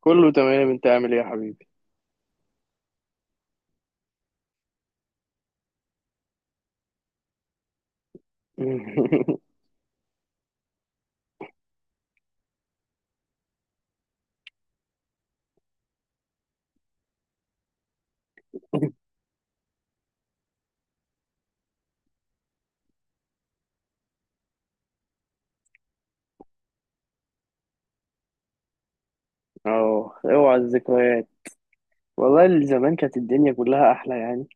كله تمام، انت عامل ايه يا حبيبي؟ اه اوعى الذكريات. والله زمان كانت الدنيا كلها احلى يعني.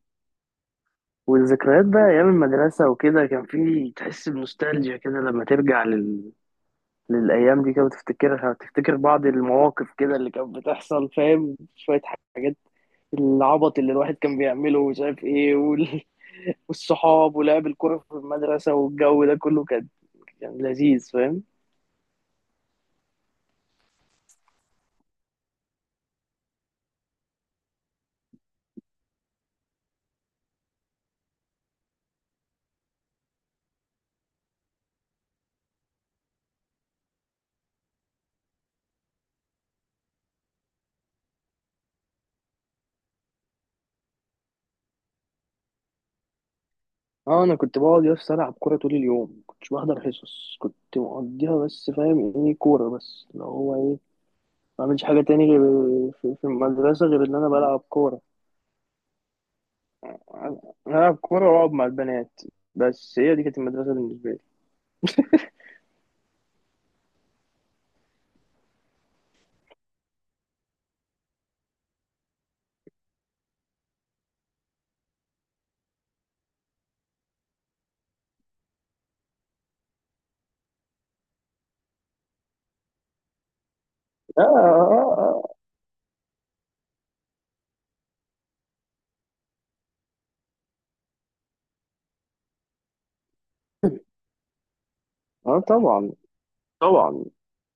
والذكريات بقى ايام المدرسه وكده، كان في تحس بنوستالجيا كده لما ترجع لل... للايام دي كده وتفتكرها وتفتكر بعض المواقف كده اللي كانت بتحصل، فاهم؟ شويه حاجات، العبط اللي الواحد كان بيعمله ومش عارف ايه وال... والصحاب ولعب الكوره في المدرسه والجو ده كله كان كان لذيذ، فاهم؟ اه انا كنت بقعد يس العب كوره طول اليوم، كنتش بحضر حصص، كنت مقضيها بس فاهم ايه؟ كوره بس اللي هو ايه، ما بعملش حاجه تاني غير في المدرسه غير ان انا بلعب كوره. انا العب كوره واقعد مع البنات، بس هي دي كانت المدرسه بالنسبه لي. اه اه اه، آه آه، طبعا. طبعا.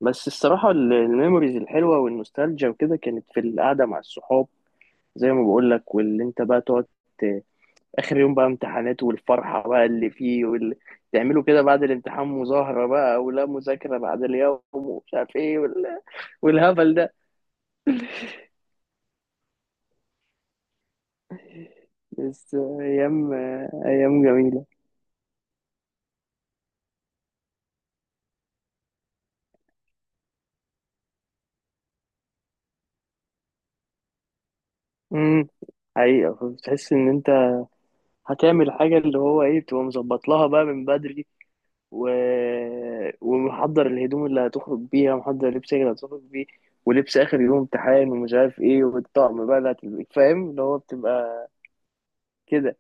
بس الصراحه ال- الميموريز الحلوه والنوستالجيا وكده كانت في القعده مع الصحاب، زي ما بقول لك، واللي انت بقى تقعد اخر يوم بقى امتحانات والفرحه بقى اللي فيه وال... تعملوا كده بعد الامتحان مظاهره بقى ولا مذاكره بعد اليوم ومش عارف ايه وال... والهبل ده. بس ايام، ايام جميله. امم حقيقه بتحس ان انت هتعمل حاجه اللي هو ايه، بتبقى مظبط لها بقى من بدري و... ومحضر الهدوم اللي هتخرج بيها، محضر لبسك اللي هتخرج بيه، ولبس اخر يوم امتحان ومش عارف ايه والطقم بقى اللي هتلبسه، فاهم اللي هو بتبقى كده.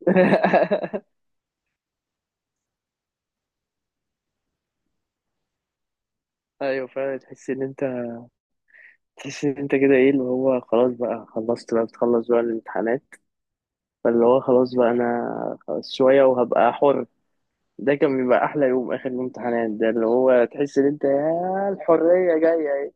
ايوه فعلا، تحس ان انت تحس ان انت كده ايه اللي هو خلاص بقى، خلصت بقى، بتخلص بقى الامتحانات. فاللي هو خلاص بقى انا خلاص شويه وهبقى حر. ده كان بيبقى احلى يوم، اخر الامتحانات ده اللي هو تحس ان انت يا الحريه جايه ايه.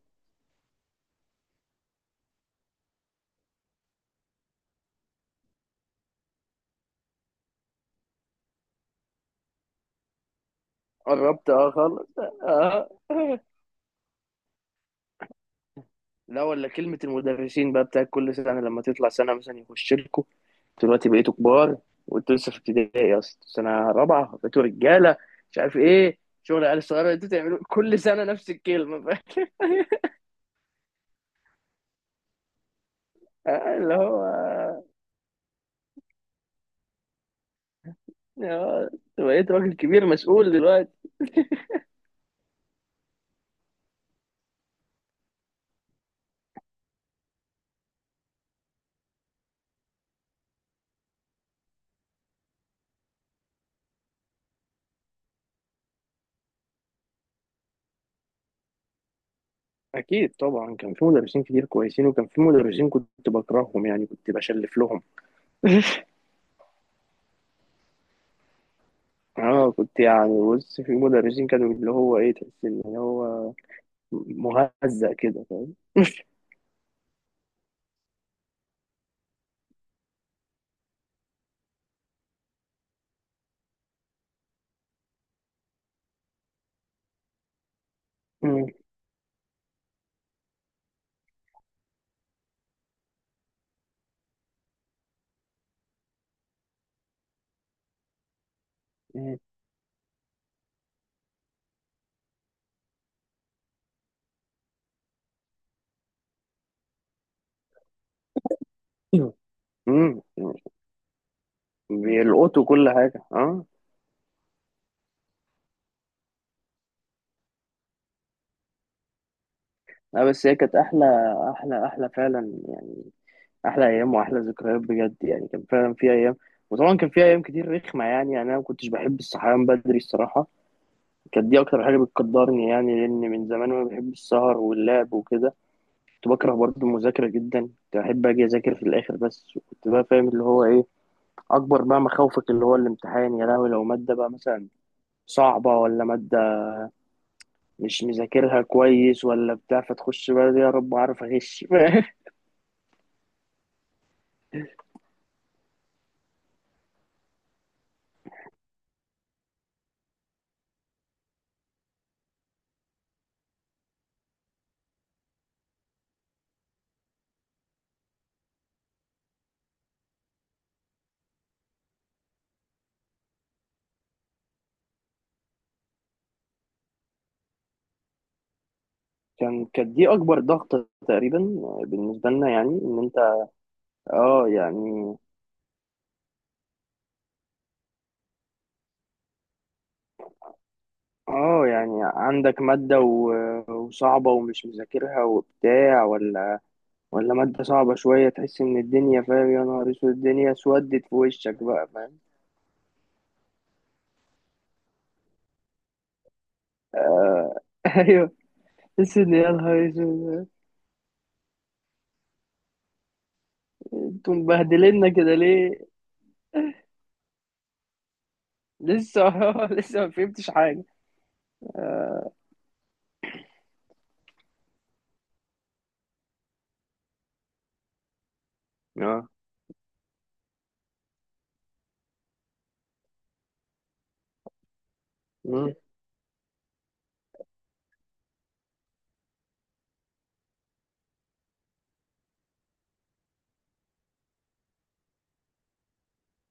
قربت اه خالص. اه. لا، ولا كلمه المدرسين بقى بتاعت كل سنه، لما تطلع سنه مثلا يخش لكم: دلوقتي بقيتوا كبار وانتوا لسه في ابتدائي اصلا، سنه رابعه بقيتوا رجاله، مش عارف ايه، شغل عيال صغيره انتوا تعملوا، كل سنه نفس الكلمه. آه، اللي هو آه، بقيت راجل كبير مسؤول دلوقتي. اكيد طبعا، كان في مدرسين كتير كويسين وكان في مدرسين كنت بكرههم يعني كنت بشلف لهم. اه كنت يعني بص، في مدرسين كانوا اللي هو ايه، تحس ان هو مهزأ كده، فاهم؟ مم. مم. مم. بيلقطوا كل حاجه اه. لا بس هي كانت احلى، احلى فعلا يعني، احلى ايام واحلى ذكريات بجد يعني، كان فعلا في ايام. وطبعا كان في ايام كتير رخمه يعني، يعني انا ما كنتش بحب الصحيان بدري الصراحه، كانت دي اكتر حاجه بتقدرني يعني، لان من زمان وانا بحب السهر واللعب وكده. كنت بكره برضه المذاكره جدا، كنت بحب اجي اذاكر في الاخر بس، كنت بقى فاهم اللي هو ايه اكبر بقى مخاوفك اللي هو الامتحان، يا لهوي لو ماده بقى مثلا صعبه، ولا ماده مش مذاكرها كويس ولا بتاع، فتخش بقى يا رب اعرف اغش. كان كانت دي اكبر ضغط تقريبا بالنسبه لنا، يعني ان انت اه يعني. اه يعني عندك مادة و- وصعبة ومش مذاكرها وبتاع، ولا ولا مادة صعبة شوية، تحس ان الدنيا فاهم يا نهار اسود، الدنيا سودت في وشك بقى، فاهم؟ ايوه. تحس ان يا نهار اسود انتوا مبهدلنا كده ليه؟ لسه. لسه ما فهمتش حاجة اه. مم.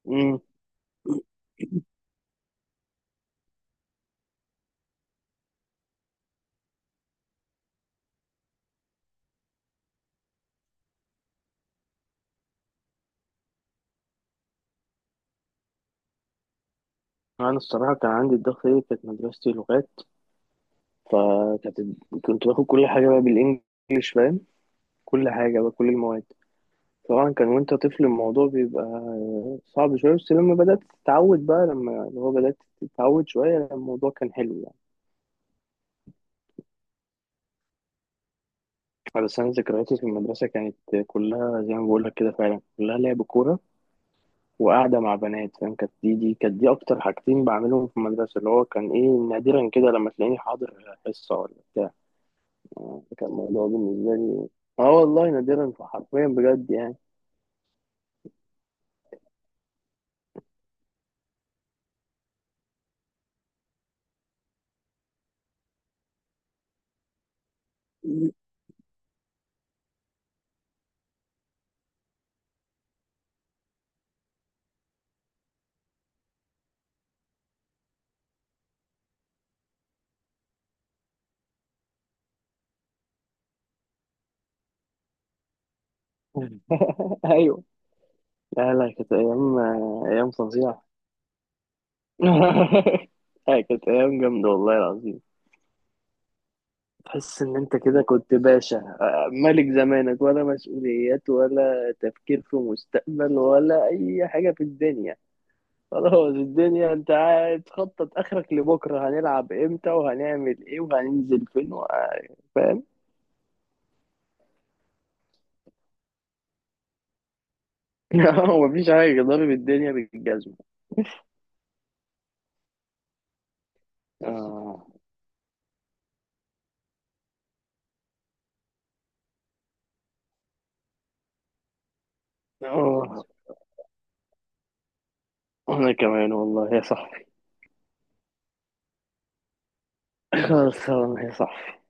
مم. انا الصراحة كان عندي الضغط ايه، كانت مدرستي لغات، فكانت كنت باخد كل حاجة بقى بالانجلش، فاهم؟ كل حاجة بقى، كل المواد. طبعا كان وانت طفل الموضوع بيبقى صعب شوية، بس لما بدأت تتعود بقى، لما اللي هو بدأت تتعود شوية الموضوع كان حلو يعني. بس أنا ذكرياتي في المدرسة كانت كلها زي ما بقولك كده، فعلا كلها لعب كورة وقعدة مع بنات، فاهم؟ كانت دي كانت دي أكتر حاجتين بعملهم في المدرسة، اللي هو كان إيه نادرا كده لما تلاقيني حاضر حصة ولا بتاع، يعني كان الموضوع بالنسبة لي اه والله نادرا حرفيا بجد يعني. ايوه، لا لا كانت ايام، ايام فظيعه. هي كانت أيام جامدة والله العظيم، تحس إن أنت كده كنت باشا آه، ملك زمانك، ولا مسؤوليات ولا تفكير في مستقبل ولا أي حاجة في الدنيا. خلاص الدنيا أنت قاعد تخطط آخرك لبكرة، هنلعب إمتى وهنعمل إيه وهننزل فين و- فاهم؟ مفيش حاجة، ضارب الدنيا بالجزمة. آه آه، وأنا كمان والله يا صاحبي. خلاص يا صاحبي.